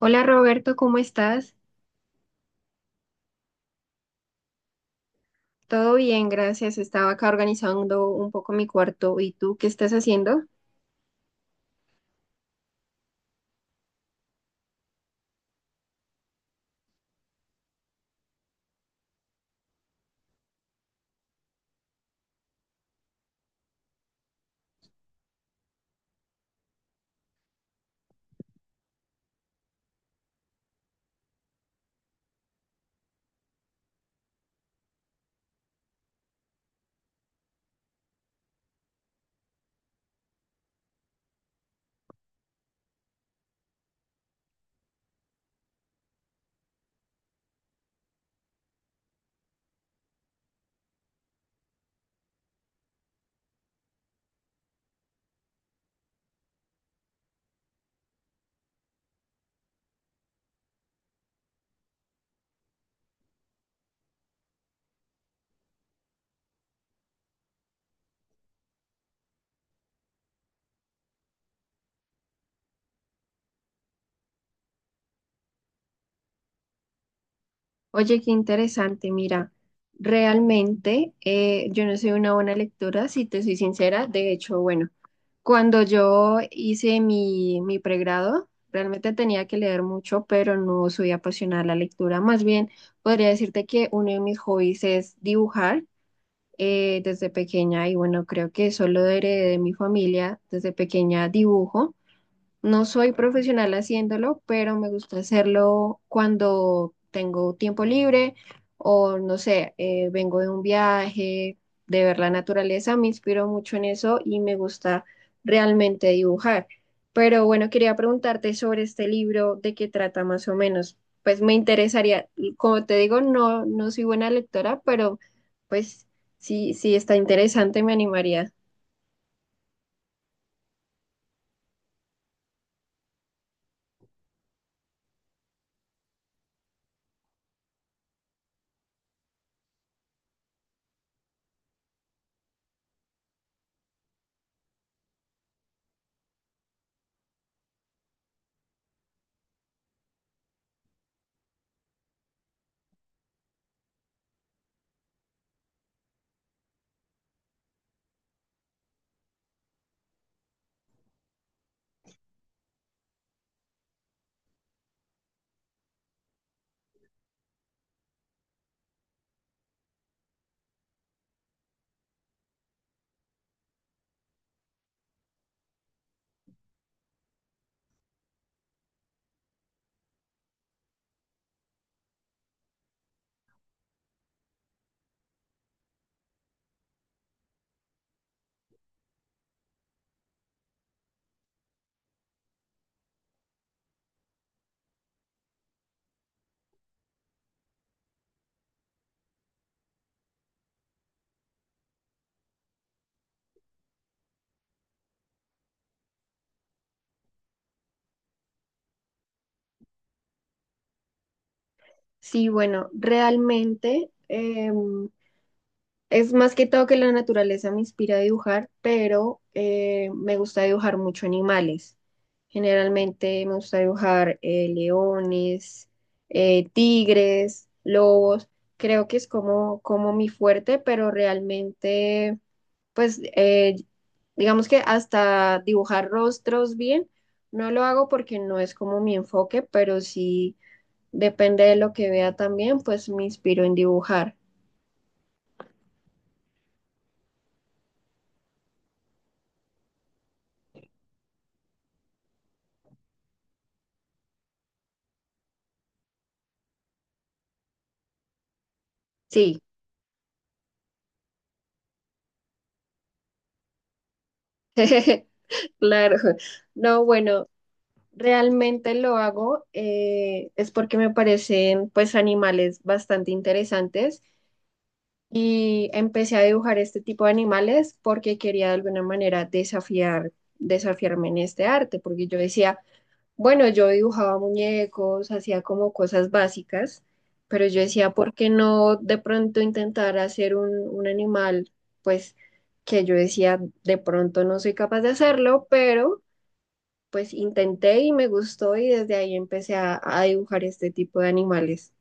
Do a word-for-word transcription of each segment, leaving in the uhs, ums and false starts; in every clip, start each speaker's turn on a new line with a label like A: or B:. A: Hola Roberto, ¿cómo estás? Todo bien, gracias. Estaba acá organizando un poco mi cuarto. ¿Y tú qué estás haciendo? Oye, qué interesante. Mira, realmente eh, yo no soy una buena lectora, si te soy sincera. De hecho, bueno, cuando yo hice mi, mi pregrado, realmente tenía que leer mucho, pero no soy apasionada a la lectura. Más bien, podría decirte que uno de mis hobbies es dibujar. Eh, desde pequeña y bueno, creo que eso lo heredé de mi familia. Desde pequeña dibujo, no soy profesional haciéndolo, pero me gusta hacerlo cuando tengo tiempo libre o no sé, eh, vengo de un viaje, de ver la naturaleza, me inspiro mucho en eso y me gusta realmente dibujar. Pero bueno, quería preguntarte sobre este libro, de qué trata más o menos. Pues me interesaría, como te digo, no, no soy buena lectora, pero pues sí, sí está interesante, me animaría. Sí, bueno, realmente... em, es más que todo que la naturaleza me inspira a dibujar, pero eh, me gusta dibujar mucho animales. Generalmente me gusta dibujar eh, leones, eh, tigres, lobos. Creo que es como, como mi fuerte, pero realmente, pues, eh, digamos que hasta dibujar rostros bien, no lo hago porque no es como mi enfoque, pero sí depende de lo que vea también, pues me inspiro en dibujar. Sí. Claro, no, bueno, realmente lo hago eh, es porque me parecen pues animales bastante interesantes y empecé a dibujar este tipo de animales porque quería de alguna manera desafiar, desafiarme en este arte, porque yo decía, bueno, yo dibujaba muñecos, hacía como cosas básicas, pero yo decía, ¿por qué no de pronto intentar hacer un, un animal pues que yo decía, de pronto no soy capaz de hacerlo, pero pues intenté y me gustó y desde ahí empecé a, a dibujar este tipo de animales.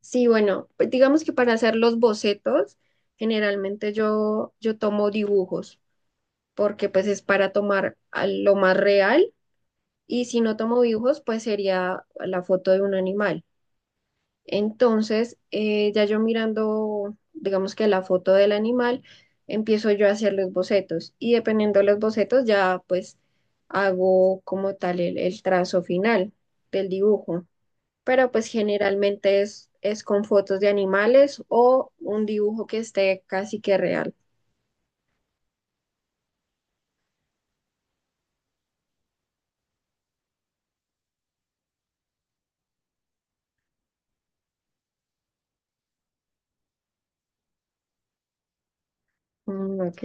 A: Sí, bueno, pues digamos que para hacer los bocetos, generalmente yo, yo tomo dibujos, porque pues es para tomar a lo más real y si no tomo dibujos, pues sería la foto de un animal. Entonces, eh, ya yo mirando, digamos que la foto del animal, empiezo yo a hacer los bocetos y dependiendo de los bocetos ya pues hago como tal el, el trazo final del dibujo. Pero pues generalmente es, es con fotos de animales o un dibujo que esté casi que real. Mm, ok.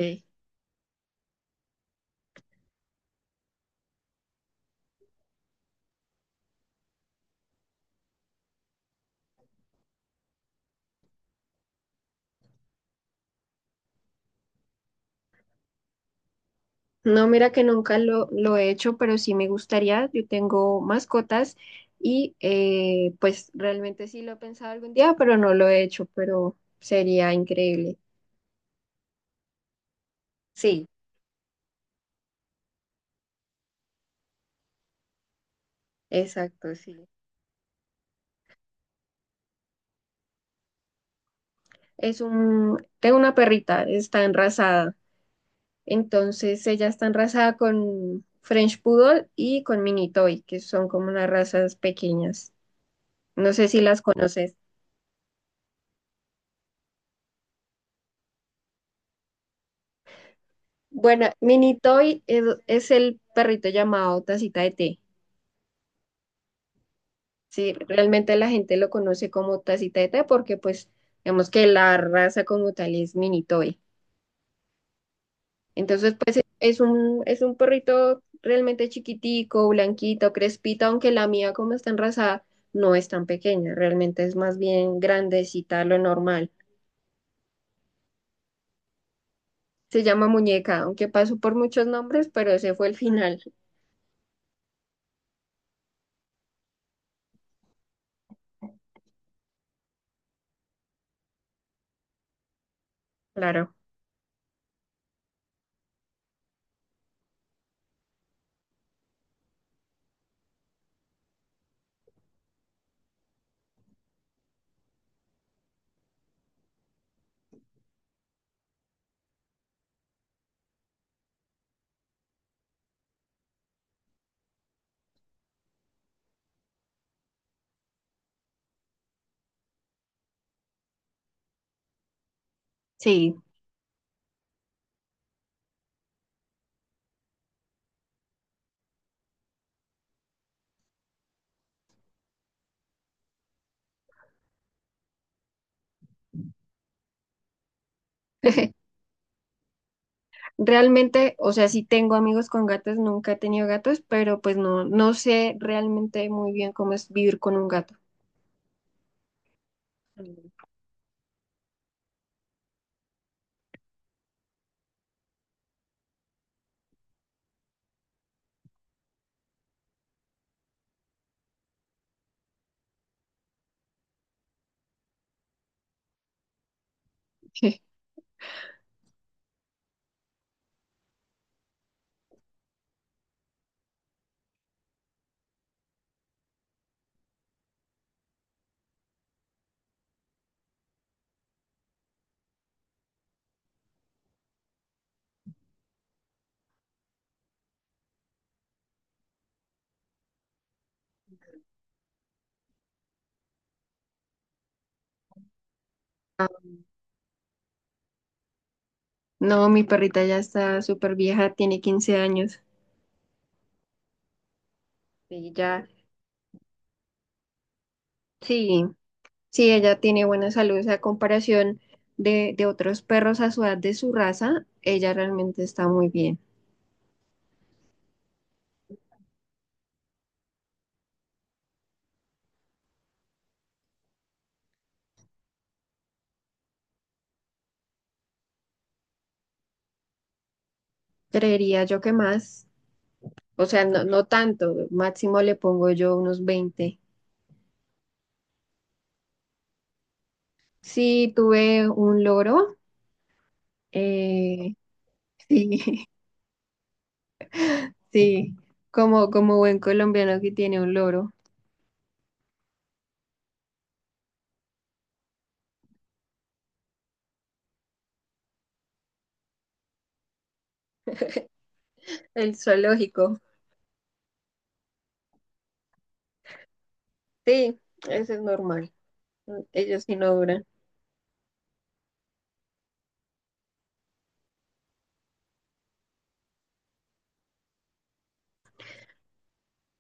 A: No, mira que nunca lo, lo he hecho, pero sí me gustaría. Yo tengo mascotas y eh, pues realmente sí lo he pensado algún día, pero no lo he hecho, pero sería increíble. Sí, exacto, sí. Es un, tengo una perrita, está enrasada. Entonces ella está enrasada con French Poodle y con Mini Toy, que son como unas razas pequeñas. No sé si las conoces. Bueno, Mini Toy es, es el perrito llamado Tacita de Té. Sí, realmente la gente lo conoce como tacita de té porque pues vemos que la raza como tal es mini toy. Entonces pues e- es un, es un perrito realmente chiquitico, blanquito, crespito, aunque la mía como está enrasada no es tan pequeña, realmente es más bien grandecita, a lo normal. Se llama muñeca, aunque pasó por muchos nombres, pero ese fue el final, claro. Sí. Realmente, o sea, sí tengo amigos con gatos, nunca he tenido gatos, pero pues no, no sé realmente muy bien cómo es vivir con un gato. Ah, no, mi perrita ya está súper vieja, tiene quince años y ya, sí, sí, ella tiene buena salud, o sea, a comparación de, de otros perros a su edad de su raza, ella realmente está muy bien. Creería yo que más, o sea, no, no tanto, máximo le pongo yo unos veinte. Sí, tuve un loro, eh, sí, sí, como, como buen colombiano que tiene un loro. El zoológico. Sí, eso es normal. Ellos sí no duran.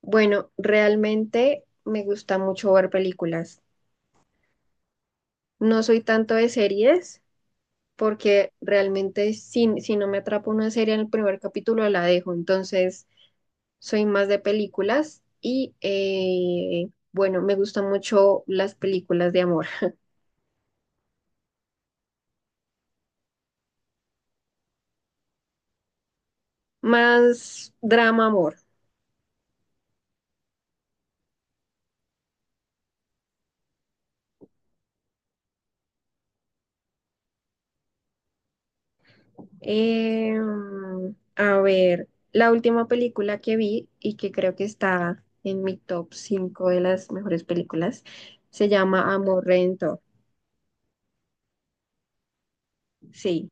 A: Bueno, realmente me gusta mucho ver películas. No soy tanto de series porque realmente si, si no me atrapa una serie en el primer capítulo la dejo. Entonces, soy más de películas y eh, bueno, me gustan mucho las películas de amor. Más drama amor. Em, a ver, la última película que vi y que creo que está en mi top cinco de las mejores películas se llama Amorrento. Sí,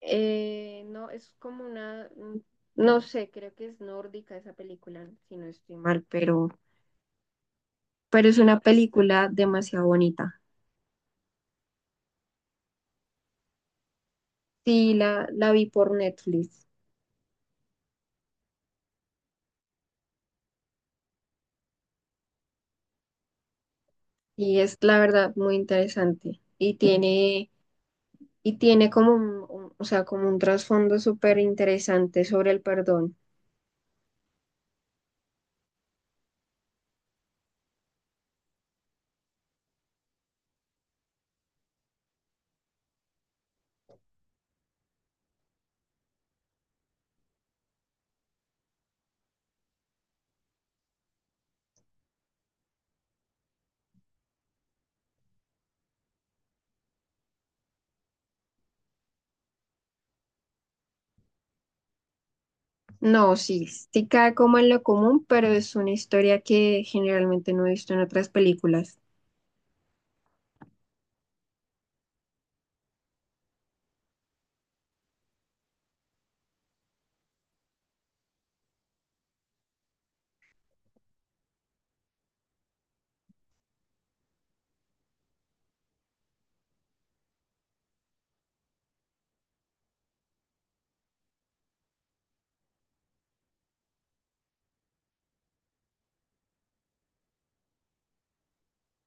A: Eh, no, es como una, mm, no sé, creo que es nórdica esa película, si no estoy mal, pero, pero es una película demasiado bonita. Sí, la, la vi por Netflix y es la verdad muy interesante y tiene y tiene como un, un- o sea, como un trasfondo súper interesante sobre el perdón. No, sí, sí cae como en lo común, pero es una historia que generalmente no he visto en otras películas.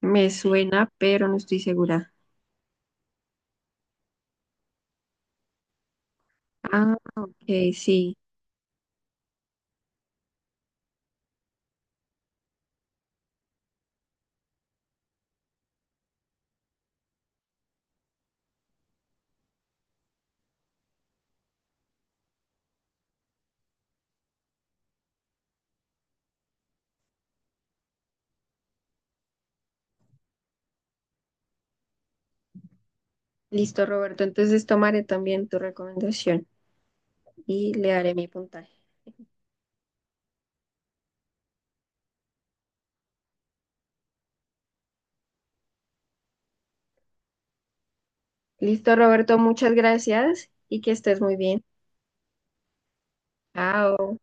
A: Me suena, pero no estoy segura. Ah, ok, sí. Listo, Roberto. Entonces tomaré también tu recomendación y le daré mi puntaje. Listo, Roberto, muchas gracias y que estés muy bien. Chao.